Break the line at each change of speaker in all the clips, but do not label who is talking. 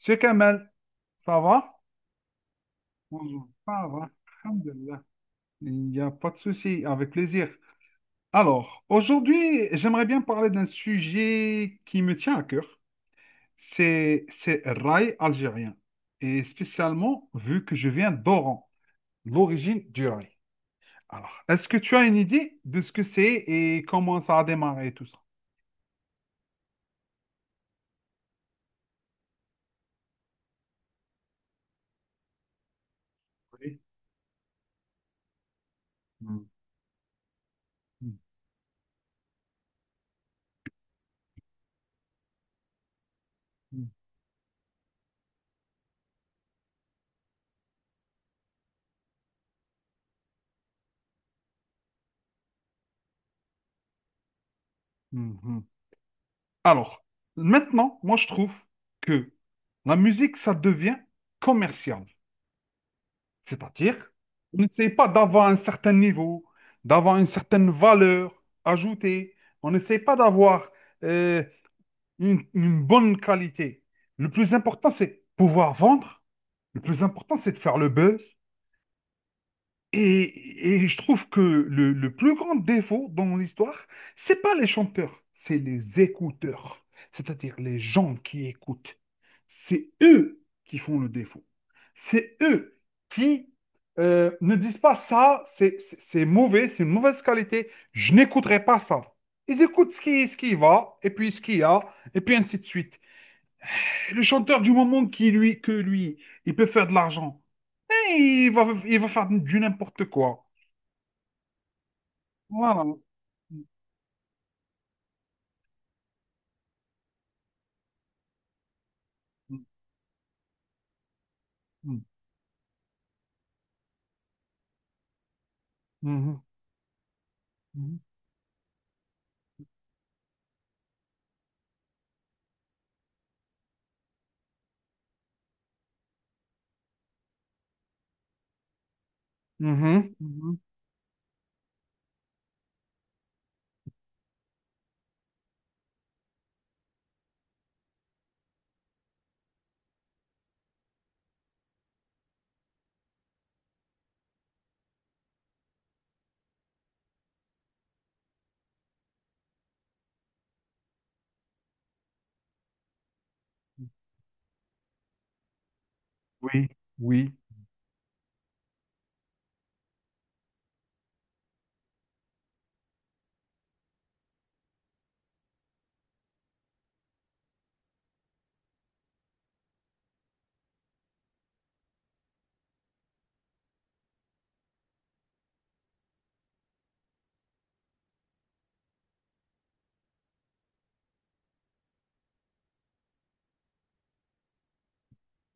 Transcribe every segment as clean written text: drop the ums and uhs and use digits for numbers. Cheikh Kamel, ça va? Bonjour, ça va, Alhamdulillah. Il n'y a pas de souci, avec plaisir. Alors, aujourd'hui, j'aimerais bien parler d'un sujet qui me tient à cœur. C'est rail algérien. Et spécialement, vu que je viens d'Oran, l'origine du rail. Alors, est-ce que tu as une idée de ce que c'est et comment ça a démarré tout ça? Oui. Mhm. Mhm. Alors, maintenant, moi, je trouve que la musique, ça devient commercial. C'est-à-dire, on n'essaye pas d'avoir un certain niveau, d'avoir une certaine valeur ajoutée. On n'essaye pas d'avoir euh, une bonne qualité. Le plus important, c'est pouvoir vendre. Le plus important, c'est de faire le buzz. Et je trouve que le plus grand défaut dans l'histoire, c'est pas les chanteurs, c'est les écouteurs, c'est-à-dire les gens qui écoutent. C'est eux qui font le défaut. C'est eux qui ne disent pas ça, c'est mauvais, c'est une mauvaise qualité, je n'écouterai pas ça. Ils écoutent ce qui va, et puis ce qu'il y a, et puis ainsi de suite. Le chanteur, du moment que lui, il peut faire de l'argent, eh, il va faire du n'importe quoi. Wow. Mhm, mhm, mhm, mhm, mhm. Oui, oui.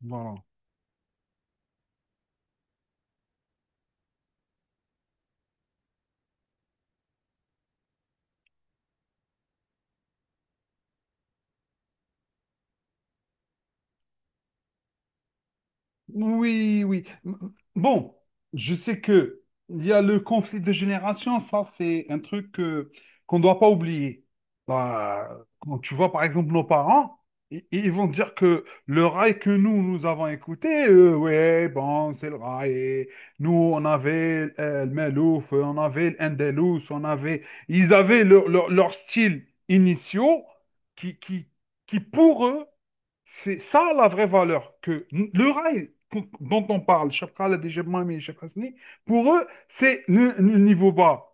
Voilà. Oui, oui. Bon, je sais que il y a le conflit de génération, ça c'est un truc qu'on ne doit pas oublier. Bah, quand tu vois par exemple nos parents, ils vont dire que le rail que nous, nous avons écouté, ouais, bon, c'est le rail. Et nous, on avait le Melouf, on avait le Endelous, on avait... Ils avaient leur, leur style initiaux qui, qui, qui, pour eux, c'est ça la vraie valeur. Que le rail dont on parle, Chapral, Adejemami et Cheikh Mami et Cheikh Hasni, pour eux, c'est le niveau bas.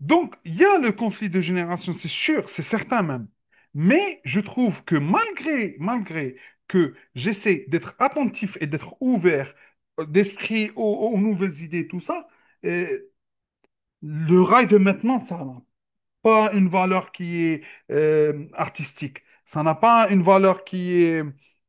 Donc, il y a le conflit de génération, c'est sûr, c'est certain même. Mais je trouve que malgré que j'essaie d'être attentif et d'être ouvert d'esprit aux nouvelles idées, tout ça, euh, le rail de maintenant, ça n'a pas une valeur qui est artistique. Ça n'a pas une valeur qui est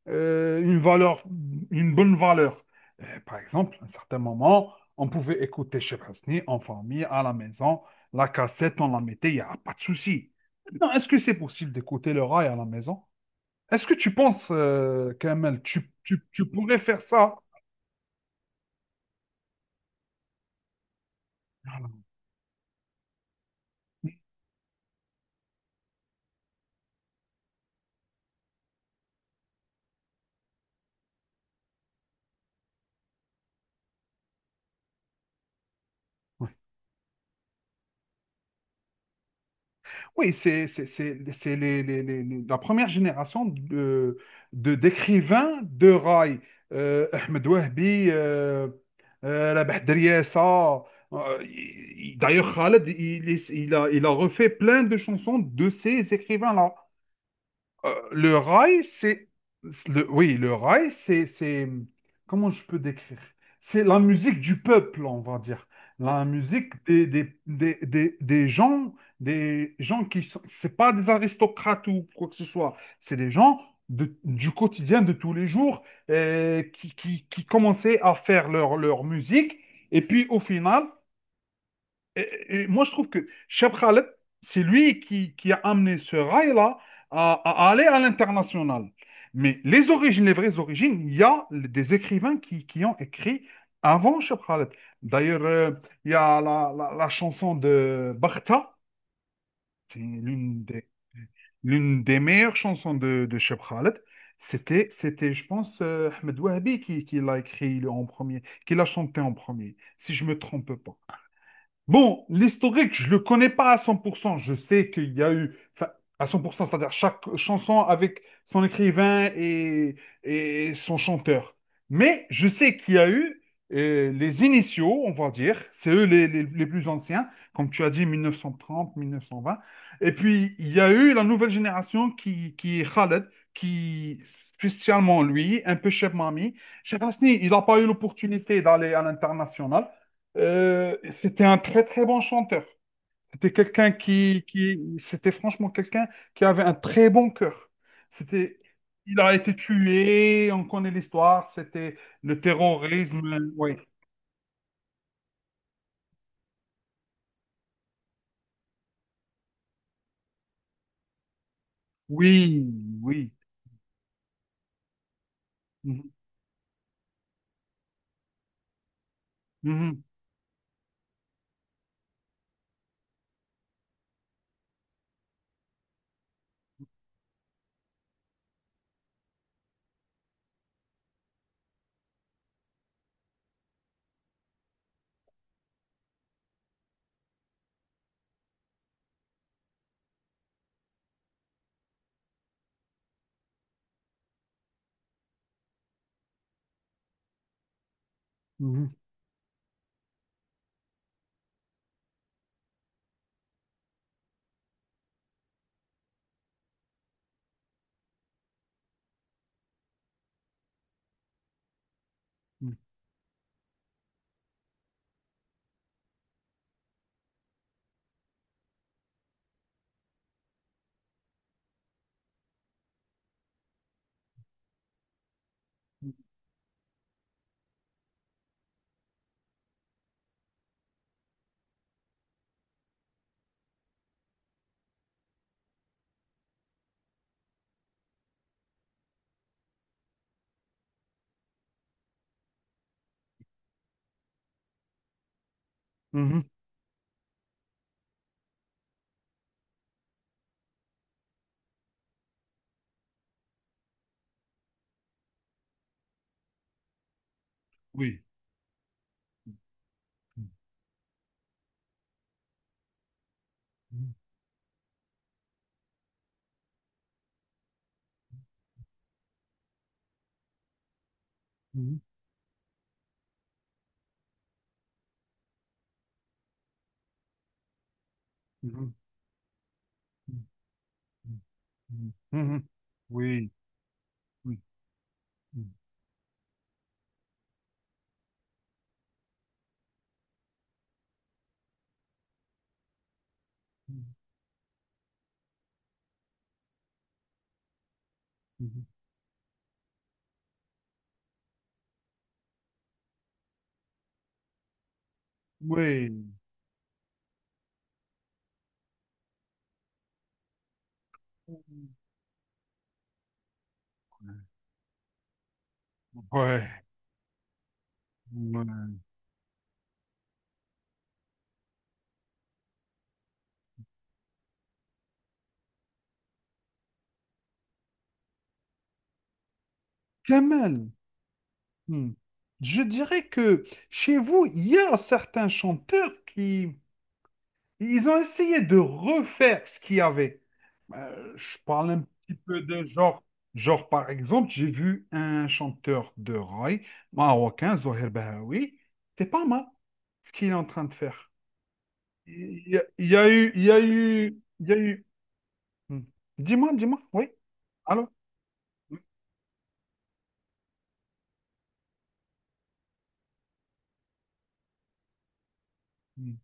euh, une valeur, une bonne valeur. Par exemple, à un certain moment, on pouvait écouter Cheikh Hasni en famille, à la maison, la cassette, on la mettait, il n'y a pas de souci. Maintenant, est-ce que c'est possible d'écouter le rail à la maison? Est-ce que tu penses, Kamel, tu pourrais faire ça? Oui, c'est la première génération de, d'écrivains de rail. Ahmed Wahbi, la Bahdriya Essa, d'ailleurs, Khaled, il a refait plein de chansons de ces écrivains-là. Le rail, c'est... Oui, le rail, c'est... Comment je peux décrire? C'est la musique du peuple, on va dire. La musique des gens qui sont... C'est pas des aristocrates ou quoi que ce soit. C'est des gens du quotidien, de tous les jours, qui commençaient à faire leur musique. Et puis, au final, et moi, je trouve que Cheb Khaled, c'est lui qui a amené ce rail-là à aller à l'international. Mais les origines, les vraies origines, il y a des écrivains qui ont écrit avant Cheb Khaled. D'ailleurs, il y a la chanson de Bakhta, c'est l'une l'une des meilleures chansons de Cheb Khaled. C'était, je pense, Ahmed Wahabi qui l'a écrit en premier, qui l'a chanté en premier, si je ne me trompe pas. Bon, l'historique, je le connais pas à 100%. Je sais qu'il y a eu, enfin, à 100%, c'est-à-dire chaque chanson avec son écrivain et son chanteur. Mais je sais qu'il y a eu les initiaux, on va dire, c'est eux les plus anciens, comme tu as dit, 1930, 1920. Et puis, il y a eu la nouvelle génération qui est Khaled, qui, spécialement lui, un peu Cheb Mami. Cheb Hasni, il n'a pas eu l'opportunité d'aller à l'international. C'était un très très bon chanteur. C'était quelqu'un qui c'était franchement quelqu'un qui avait un très bon cœur. C'était, il a été tué, on connaît l'histoire, c'était le terrorisme. Ouais. Oui, oui. Mhm, mhm, mhm, mhm, mhm, oui. Mhm, mhm, mhm, mhm, mhm, mhm, oui. Oui. Mhm, mhm, mhm, oui. Ouais. Ouais. Kamel. Hmm. Je dirais que chez vous, il y a certains chanteurs ils ont essayé de refaire ce qu'il y avait. Je parle un petit peu de genre. Genre, par exemple, j'ai vu un chanteur de raï marocain, Zoher Bahawi. C'est pas mal ce qu'il est en train de faire. Il y a eu, il y a eu, il y a eu. Hmm. Dis-moi, dis-moi, oui. Alors? Oui. Hmm.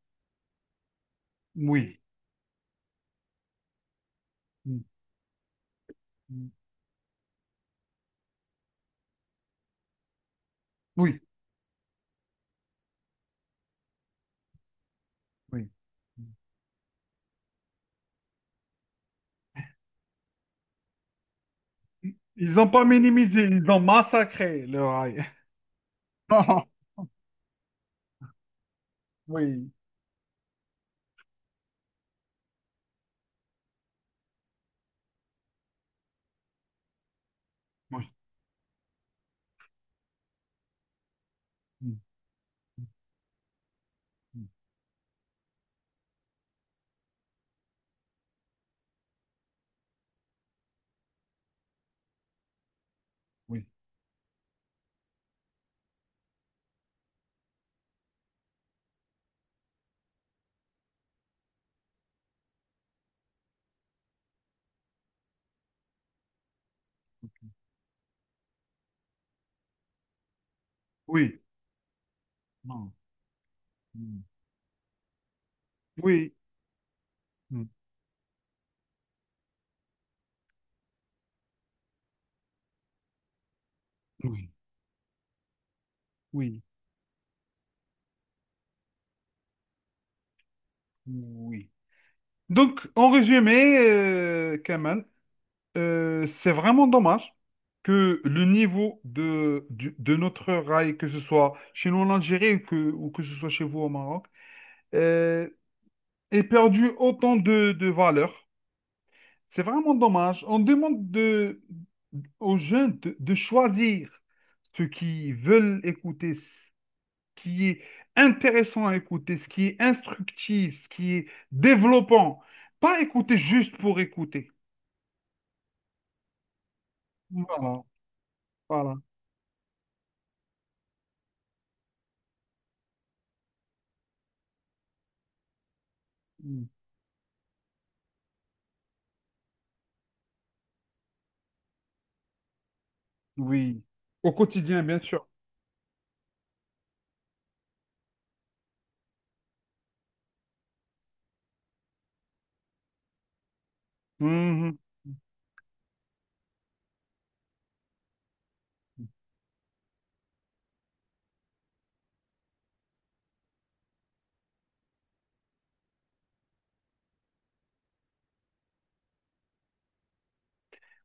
Oui. Hmm. Oui. Oui. Hmm. Ils n'ont pas minimisé, ils ont massacré le rail. Oui, oui, mm, mm, oui, oui, non, mm, oui, mm, oui, oui, oui. Donc, en résumé, Kamal, c'est vraiment dommage que le niveau de notre rail, que ce soit chez nous en Algérie ou que ce soit chez vous au Maroc, euh, ait perdu autant de valeur. C'est vraiment dommage. On demande aux jeunes de choisir ce qu'ils veulent écouter, ce qui est intéressant à écouter, ce qui est instructif, ce qui est développant. Pas écouter juste pour écouter. Voilà, voilà. Mm. Oui. Au quotidien, bien sûr. Mhm.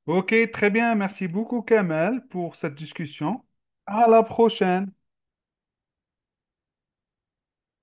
Ok, très bien. Merci beaucoup, Kamel, pour cette discussion. À la prochaine.